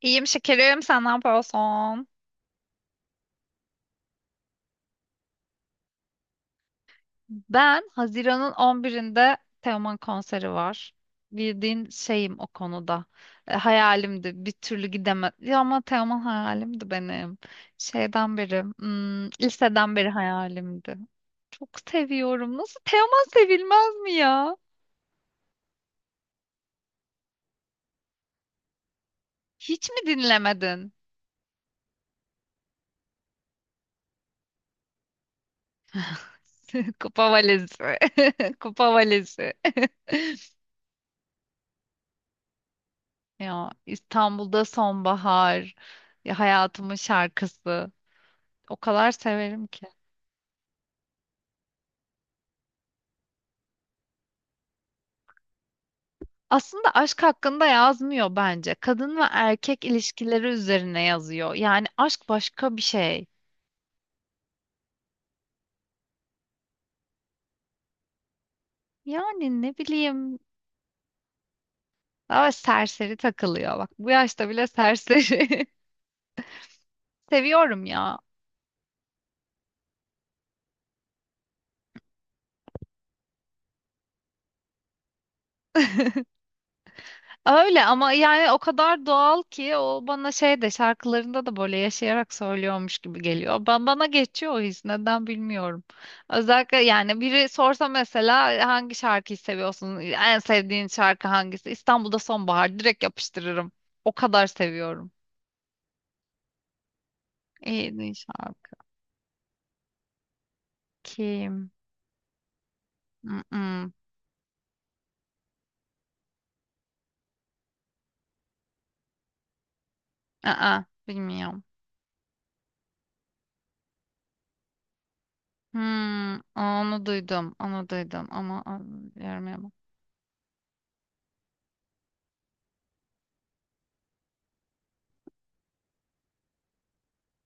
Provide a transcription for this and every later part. İyiyim şekerim, sen ne yapıyorsun? Ben Haziran'ın 11'inde Teoman konseri var. Bildiğin şeyim o konuda. Hayalimdi. Bir türlü gidemez. Ya ama Teoman hayalimdi benim. Şeyden beri, liseden beri hayalimdi. Çok seviyorum. Nasıl Teoman sevilmez mi ya? Hiç mi dinlemedin? Kupa valizi. Kupa valizi. Ya İstanbul'da sonbahar. Ya hayatımın şarkısı. O kadar severim ki. Aslında aşk hakkında yazmıyor bence. Kadın ve erkek ilişkileri üzerine yazıyor. Yani aşk başka bir şey. Yani ne bileyim. Daha serseri takılıyor. Bak bu yaşta bile serseri. Seviyorum ya. Öyle ama yani o kadar doğal ki o bana şey de şarkılarında da böyle yaşayarak söylüyormuş gibi geliyor. Ben bana geçiyor o his neden bilmiyorum. Özellikle yani biri sorsa mesela hangi şarkıyı seviyorsun? En sevdiğin şarkı hangisi? İstanbul'da Sonbahar direkt yapıştırırım. O kadar seviyorum. En iyi şarkı kim? Mm-mm. Aa, bilmiyorum. Hmm, onu duydum, onu duydum ama bilmiyorum ya.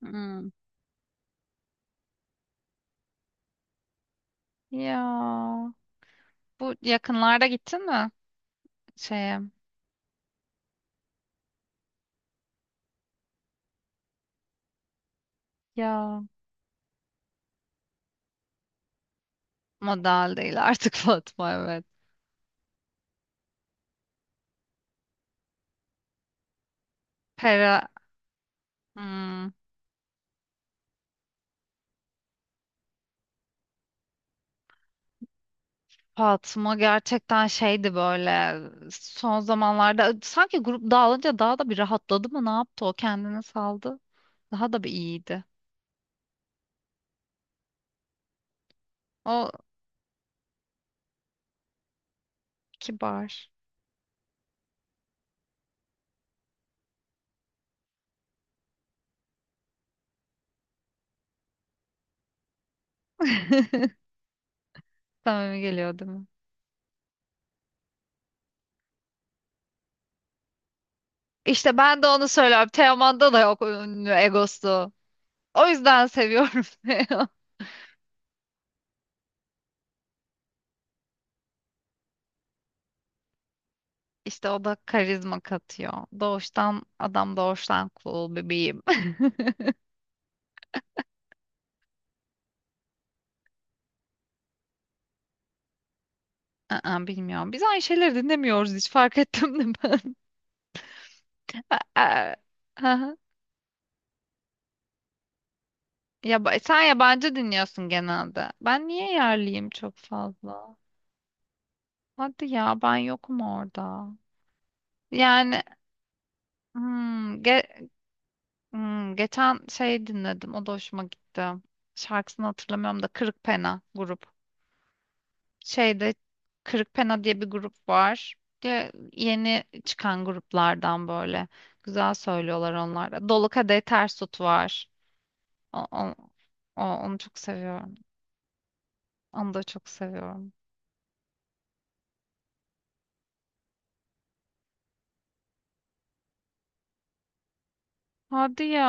Hmm. Ya. Bu yakınlarda gittin mi şeye? Ya, model değil artık, Fatma evet. Pera, hmm, Fatma gerçekten şeydi böyle son zamanlarda sanki grup dağılınca daha da bir rahatladı mı ne yaptı o kendini saldı. Daha da bir iyiydi. O kibar. Samimi geliyor değil mi? İşte ben de onu söylüyorum. Teoman'da da yok ünlü egosu. O yüzden seviyorum. İşte o da karizma katıyor. Doğuştan adam doğuştan cool bebeğim. Aa, bilmiyorum. Biz aynı şeyleri dinlemiyoruz, hiç fark ettim de ben. Aa, aha. Ya, sen yabancı dinliyorsun genelde. Ben niye yerliyim çok fazla? Hadi ya, ben yokum orada. Yani hmm, ge- geçen şey dinledim. O da hoşuma gitti. Şarkısını hatırlamıyorum da, Kırık Pena grup. Şeyde Kırıkpena diye bir grup var. Ya, yeni çıkan gruplardan böyle. Güzel söylüyorlar onlar da. Dolu Kadehi Ters Tut var. O, o- onu çok seviyorum. Onu da çok seviyorum. Hadi ya.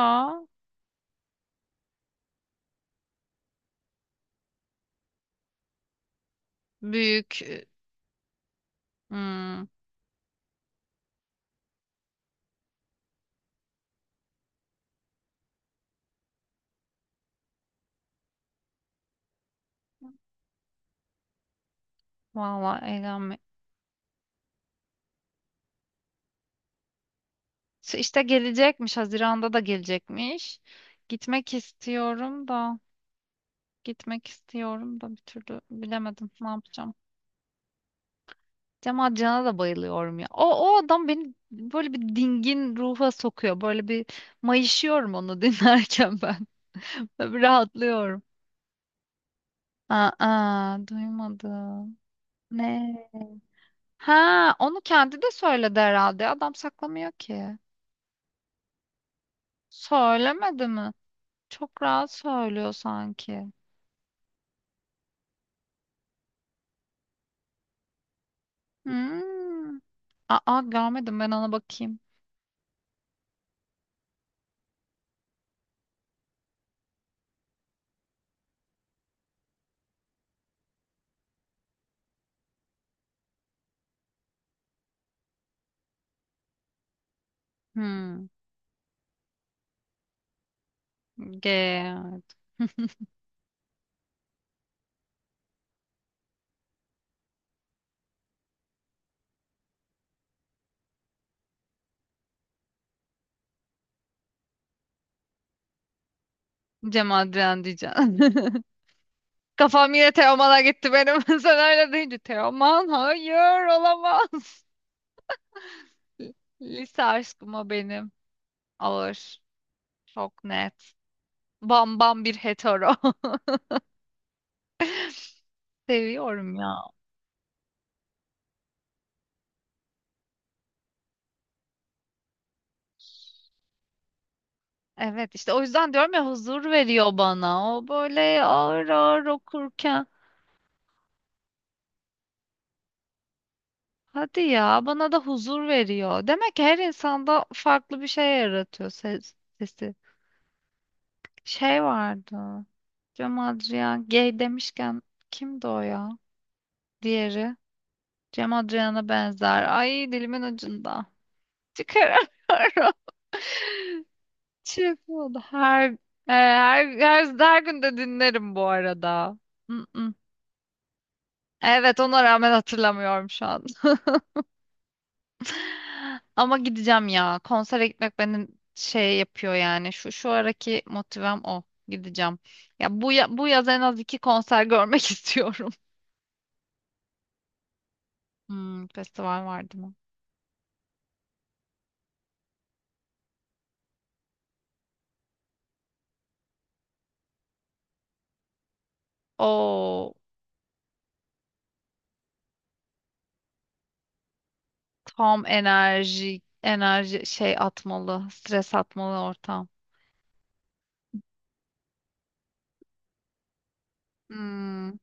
Büyük. Hmm, valla eğlenme. Şu İşte gelecekmiş. Haziran'da da gelecekmiş. Gitmek istiyorum da. Gitmek istiyorum da, bir türlü bilemedim ne yapacağım. Cemal Can'a da bayılıyorum ya. O, o adam beni böyle bir dingin ruha sokuyor. Böyle bir mayışıyorum onu dinlerken ben. Böyle bir rahatlıyorum. Aa, aa, duymadım. Ne? Ha, onu kendi de söyledi herhalde. Adam saklamıyor ki. Söylemedi mi? Çok rahat söylüyor sanki. Hmm. Aa, görmedim, ben ona bakayım. Hmm. G. Cemal Can diyeceğim. Kafam yine Teoman'a gitti benim. Sen öyle deyince Teoman hayır olamaz. Lise aşkım o benim. Ağır. Çok net. Bam bam bir hetero. Seviyorum ya. Evet işte o yüzden diyorum ya, huzur veriyor bana. O böyle ağır ağır okurken. Hadi ya, bana da huzur veriyor. Demek ki her insanda farklı bir şey yaratıyor sesi. Şey vardı. Cem Adrian gay demişken kimdi o ya? Diğeri. Cem Adrian'a benzer. Ay, dilimin ucunda. Çıkaramıyorum. Şey oldu. Her, e, her, her, her gün de dinlerim bu arada. Mm-mm. Evet, ona rağmen hatırlamıyorum şu an. Ama gideceğim ya. Konsere gitmek beni şey yapıyor yani. Şu şu araki motivem o. Gideceğim. Bu yaz en az iki konser görmek istiyorum. Hmm, festival vardı mı? Oo. Tam enerji, enerji şey atmalı, stres atmalı ortam. Hmm.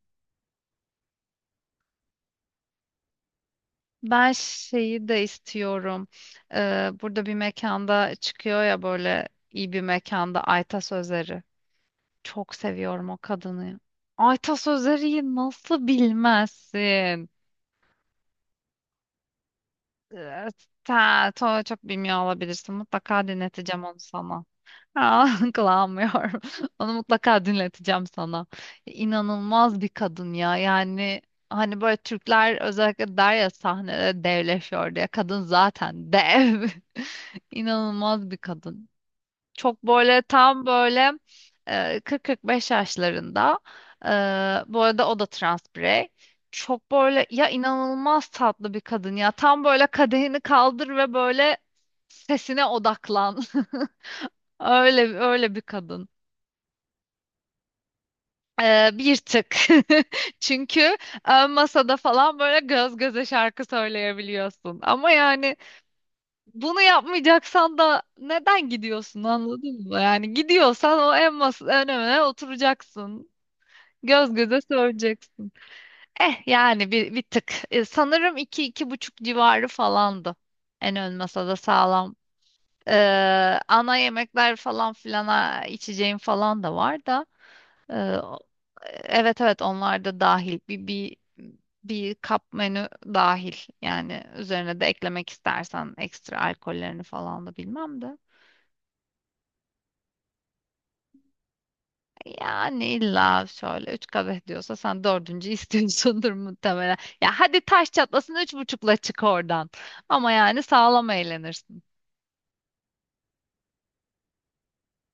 Ben şeyi de istiyorum. Burada bir mekanda çıkıyor ya, böyle iyi bir mekanda, Ayta Sözleri. Çok seviyorum o kadını. Ayta Sözeri'yi nasıl bilmezsin? Ee, sen çok bilmiyor olabilirsin. Mutlaka dinleteceğim onu sana. Aa, kıvamıyorum. Onu mutlaka dinleteceğim sana. İnanılmaz bir kadın ya. Yani hani böyle Türkler özellikle der ya sahnede devleşiyor diye. Kadın zaten dev. İnanılmaz bir kadın. Çok böyle, tam böyle, 40-45 yaşlarında. E, bu arada o da trans birey. Çok böyle ya, inanılmaz tatlı bir kadın ya. Tam böyle kadehini kaldır ve böyle sesine odaklan. Öyle öyle bir kadın. Bir tık. Çünkü ön masada falan böyle göz göze şarkı söyleyebiliyorsun. Ama yani bunu yapmayacaksan da neden gidiyorsun, anladın mı? Yani gidiyorsan o en masa önüne oturacaksın. Göz göze söyleyeceksin. Eh yani bir tık. Sanırım iki, iki buçuk civarı falandı. En ön masada sağlam. Ana yemekler falan filana, içeceğim falan da var da. Ee, o- evet evet, onlar da dahil. Bir kap menü dahil. Yani üzerine de eklemek istersen ekstra alkollerini falan da bilmem de. Yani illa şöyle üç kadeh diyorsa sen dördüncü istiyorsundur muhtemelen. Ya hadi, taş çatlasın üç buçukla çık oradan. Ama yani sağlam eğlenirsin.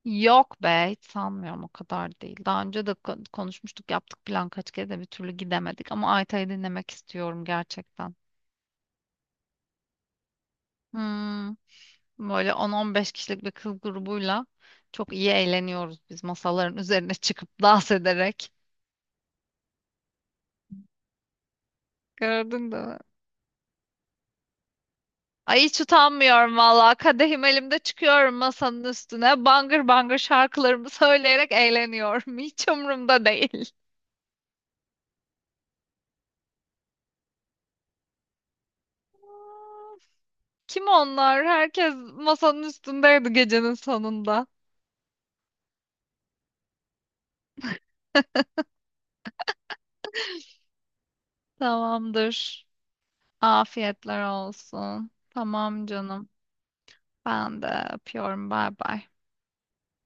Yok be, hiç sanmıyorum, o kadar değil. Daha önce de konuşmuştuk, yaptık plan kaç kere de bir türlü gidemedik. Ama Ayta'yı dinlemek istiyorum gerçekten. Hmm. Böyle 10-15 kişilik bir kız grubuyla çok iyi eğleniyoruz biz, masaların üzerine çıkıp dans ederek. Gördün değil mi? Ay, hiç utanmıyorum valla. Kadehim elimde çıkıyorum masanın üstüne. Bangır bangır şarkılarımı söyleyerek eğleniyorum. Hiç umurumda değil. Kim onlar? Herkes masanın üstündeydi gecenin sonunda. Tamamdır. Afiyetler olsun. Tamam canım. Ben de öpüyorum. Bay bay.